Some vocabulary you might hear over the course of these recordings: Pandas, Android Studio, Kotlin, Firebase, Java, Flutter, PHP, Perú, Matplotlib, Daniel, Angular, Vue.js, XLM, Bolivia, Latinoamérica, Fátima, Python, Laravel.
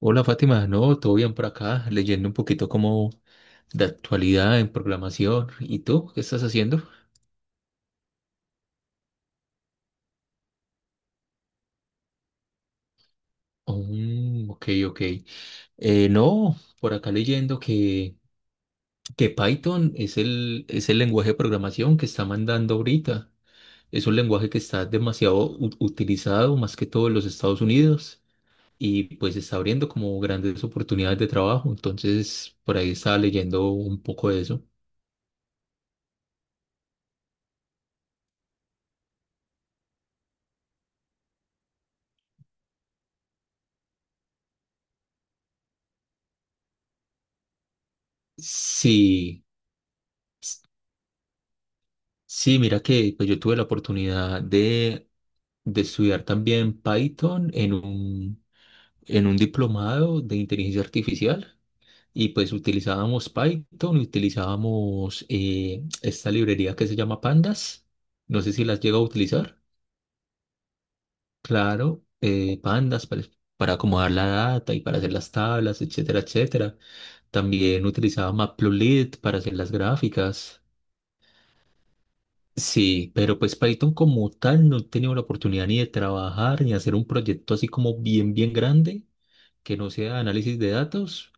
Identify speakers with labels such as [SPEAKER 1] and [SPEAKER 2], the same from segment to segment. [SPEAKER 1] Hola Fátima, no, todo bien por acá, leyendo un poquito como de actualidad en programación. ¿Y tú qué estás haciendo? Mm, ok, ok. No, por acá leyendo que Python es es el lenguaje de programación que está mandando ahorita. Es un lenguaje que está demasiado utilizado, más que todo en los Estados Unidos, y pues está abriendo como grandes oportunidades de trabajo. Entonces, por ahí estaba leyendo un poco de eso. Sí. Sí, mira que pues yo tuve la oportunidad de estudiar también Python en en un diplomado de inteligencia artificial y pues utilizábamos Python y utilizábamos esta librería que se llama Pandas. No sé si las llega a utilizar. Claro, Pandas para acomodar la data y para hacer las tablas, etcétera, etcétera. También utilizaba Matplotlib para hacer las gráficas. Sí, pero pues Python como tal no he tenido la oportunidad ni de trabajar ni hacer un proyecto así como bien grande, que no sea análisis de datos.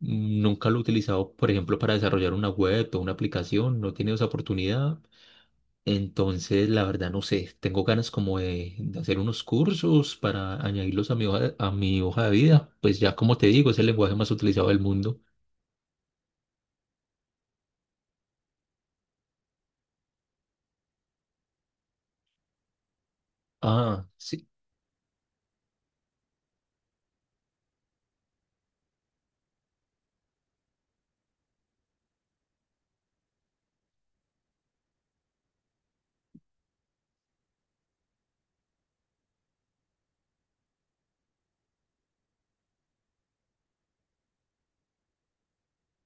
[SPEAKER 1] Nunca lo he utilizado, por ejemplo, para desarrollar una web o una aplicación, no he tenido esa oportunidad. Entonces, la verdad, no sé, tengo ganas como de hacer unos cursos para añadirlos a mi hoja de vida. Pues ya como te digo, es el lenguaje más utilizado del mundo. Ah, sí.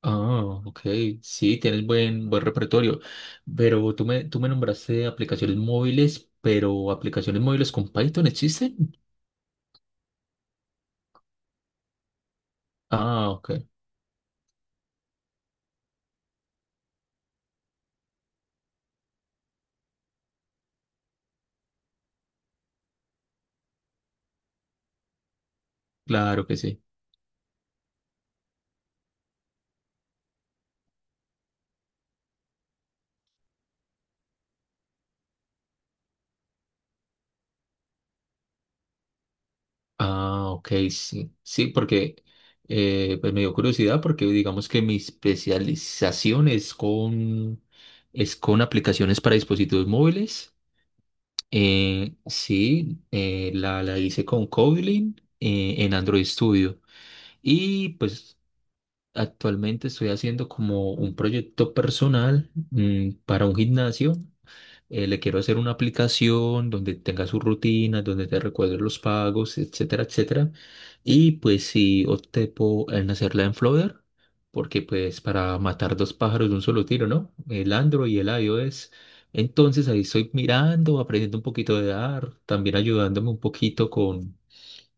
[SPEAKER 1] Ah, ok. Sí, tienes buen repertorio. Pero tú me nombraste aplicaciones móviles, pero ¿aplicaciones móviles con Python existen? Ah, ok. Claro que sí. Ah, ok, sí. Sí, porque pues me dio curiosidad porque digamos que mi especialización es es con aplicaciones para dispositivos móviles. La hice con Kotlin en Android Studio. Y pues actualmente estoy haciendo como un proyecto personal para un gimnasio. Le quiero hacer una aplicación donde tenga sus rutinas, donde te recuerde los pagos, etcétera, etcétera. Y pues sí, opté por en hacerla en Flutter, porque pues para matar dos pájaros de un solo tiro, ¿no? El Android y el iOS. Entonces ahí estoy mirando, aprendiendo un poquito de art, también ayudándome un poquito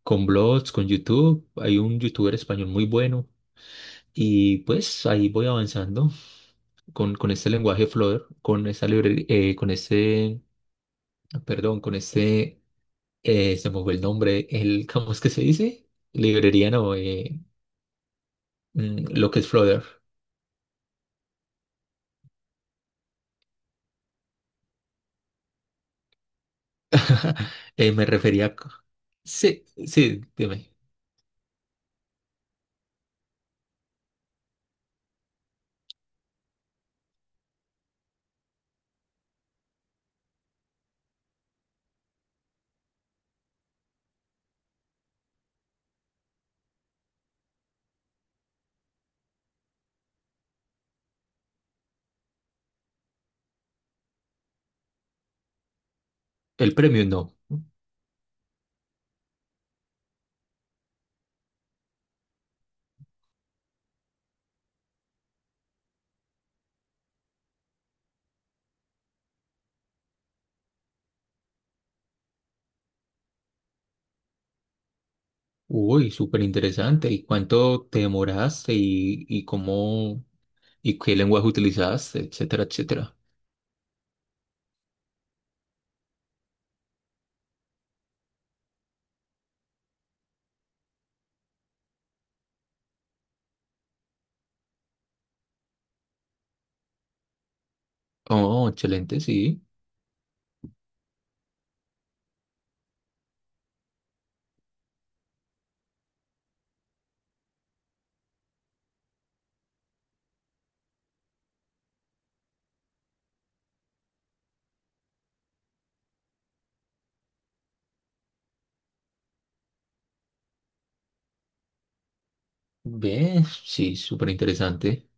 [SPEAKER 1] con blogs, con YouTube. Hay un youtuber español muy bueno y pues ahí voy avanzando con este lenguaje Flutter, con esta perdón, se me fue el nombre, el, ¿cómo es que se dice? Librería, no, lo que es Flutter. Me refería a... Sí, sí, dime. El premio no. Uy, súper interesante. ¿Y cuánto te demoraste y cómo? Y qué lenguaje utilizabas, etcétera, etcétera. Oh, excelente, sí. Ve, sí, súper interesante.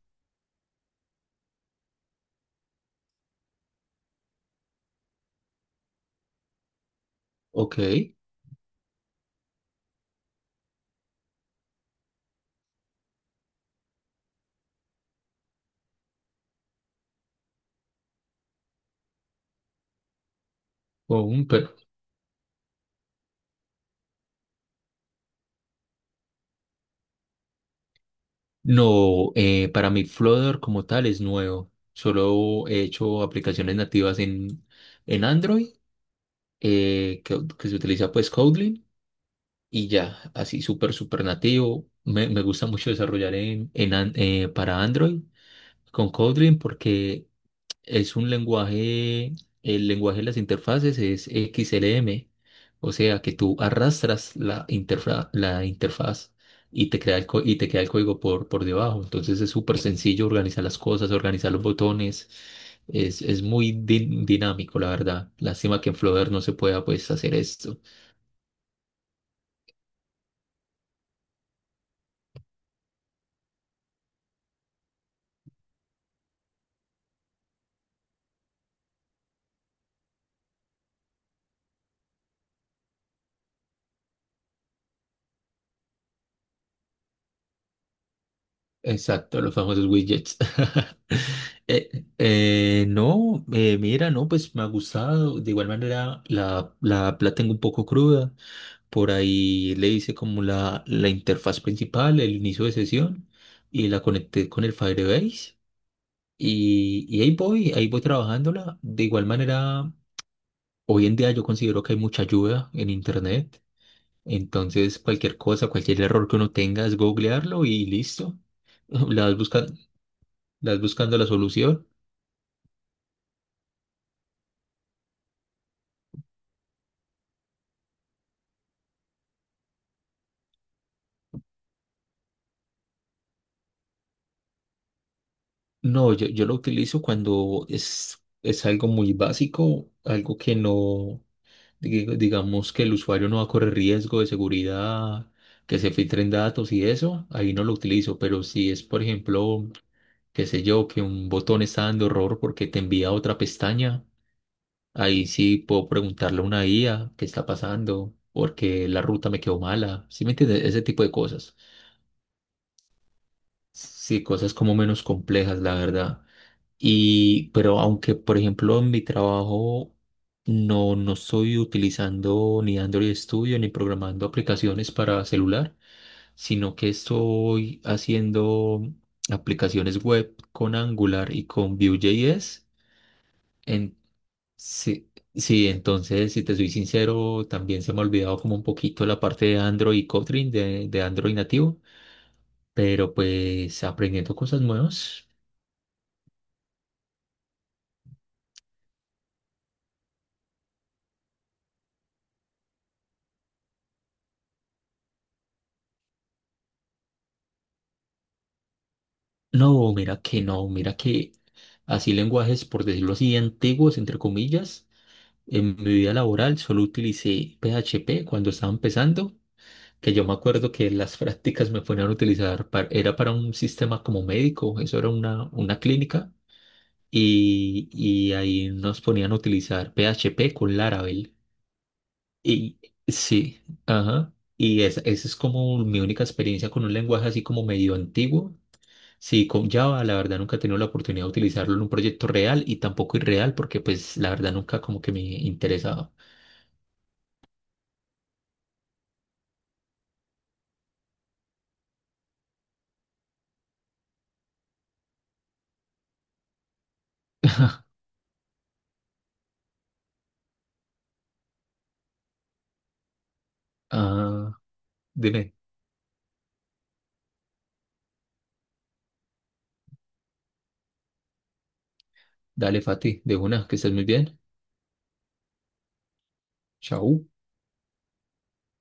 [SPEAKER 1] Ok. Pero no, para mí Flutter como tal es nuevo. Solo he hecho aplicaciones nativas en Android, que se utiliza pues Kotlin y ya, así súper nativo. Me gusta mucho desarrollar para Android con Kotlin porque es un lenguaje, el lenguaje de las interfaces es XLM, o sea que tú arrastras la interfaz y te crea y te queda el código por debajo. Entonces es súper sencillo organizar las cosas, organizar los botones. Es muy dinámico, la verdad. Lástima que en Flutter no se pueda pues hacer esto. Exacto, los famosos widgets. No, mira, no, pues me ha gustado. De igual manera, la tengo un poco cruda. Por ahí le hice como la interfaz principal, el inicio de sesión, y la conecté con el Firebase. Y ahí voy trabajándola. De igual manera, hoy en día yo considero que hay mucha ayuda en Internet. Entonces, cualquier cosa, cualquier error que uno tenga es googlearlo y listo. La vas buscando, ¿estás buscando la solución? No, yo lo utilizo cuando es algo muy básico, algo que no, digamos que el usuario no va a correr riesgo de seguridad, que se filtren datos y eso, ahí no lo utilizo, pero si es, por ejemplo, qué sé yo, que un botón está dando error porque te envía a otra pestaña, ahí sí puedo preguntarle a una IA qué está pasando, porque la ruta me quedó mala, ¿sí me entiendes? Ese tipo de cosas. Sí, cosas como menos complejas, la verdad. Y, pero aunque, por ejemplo, en mi trabajo no estoy utilizando ni Android Studio ni programando aplicaciones para celular, sino que estoy haciendo aplicaciones web con Angular y con Vue.js. En, sí, sí, entonces, si te soy sincero, también se me ha olvidado como un poquito la parte de Android y Kotlin, de Android nativo, pero pues aprendiendo cosas nuevas. No, mira que no, mira que así lenguajes, por decirlo así, antiguos, entre comillas, en mi vida laboral solo utilicé PHP cuando estaba empezando, que yo me acuerdo que las prácticas me ponían a utilizar, era para un sistema como médico, eso era una clínica, y ahí nos ponían a utilizar PHP con Laravel. Y sí, ajá, y esa es como mi única experiencia con un lenguaje así como medio antiguo. Sí, con Java la verdad nunca he tenido la oportunidad de utilizarlo en un proyecto real y tampoco irreal porque pues la verdad nunca como que me interesaba. Ah, dime, dale Fati, de una, que estés muy bien. Chao.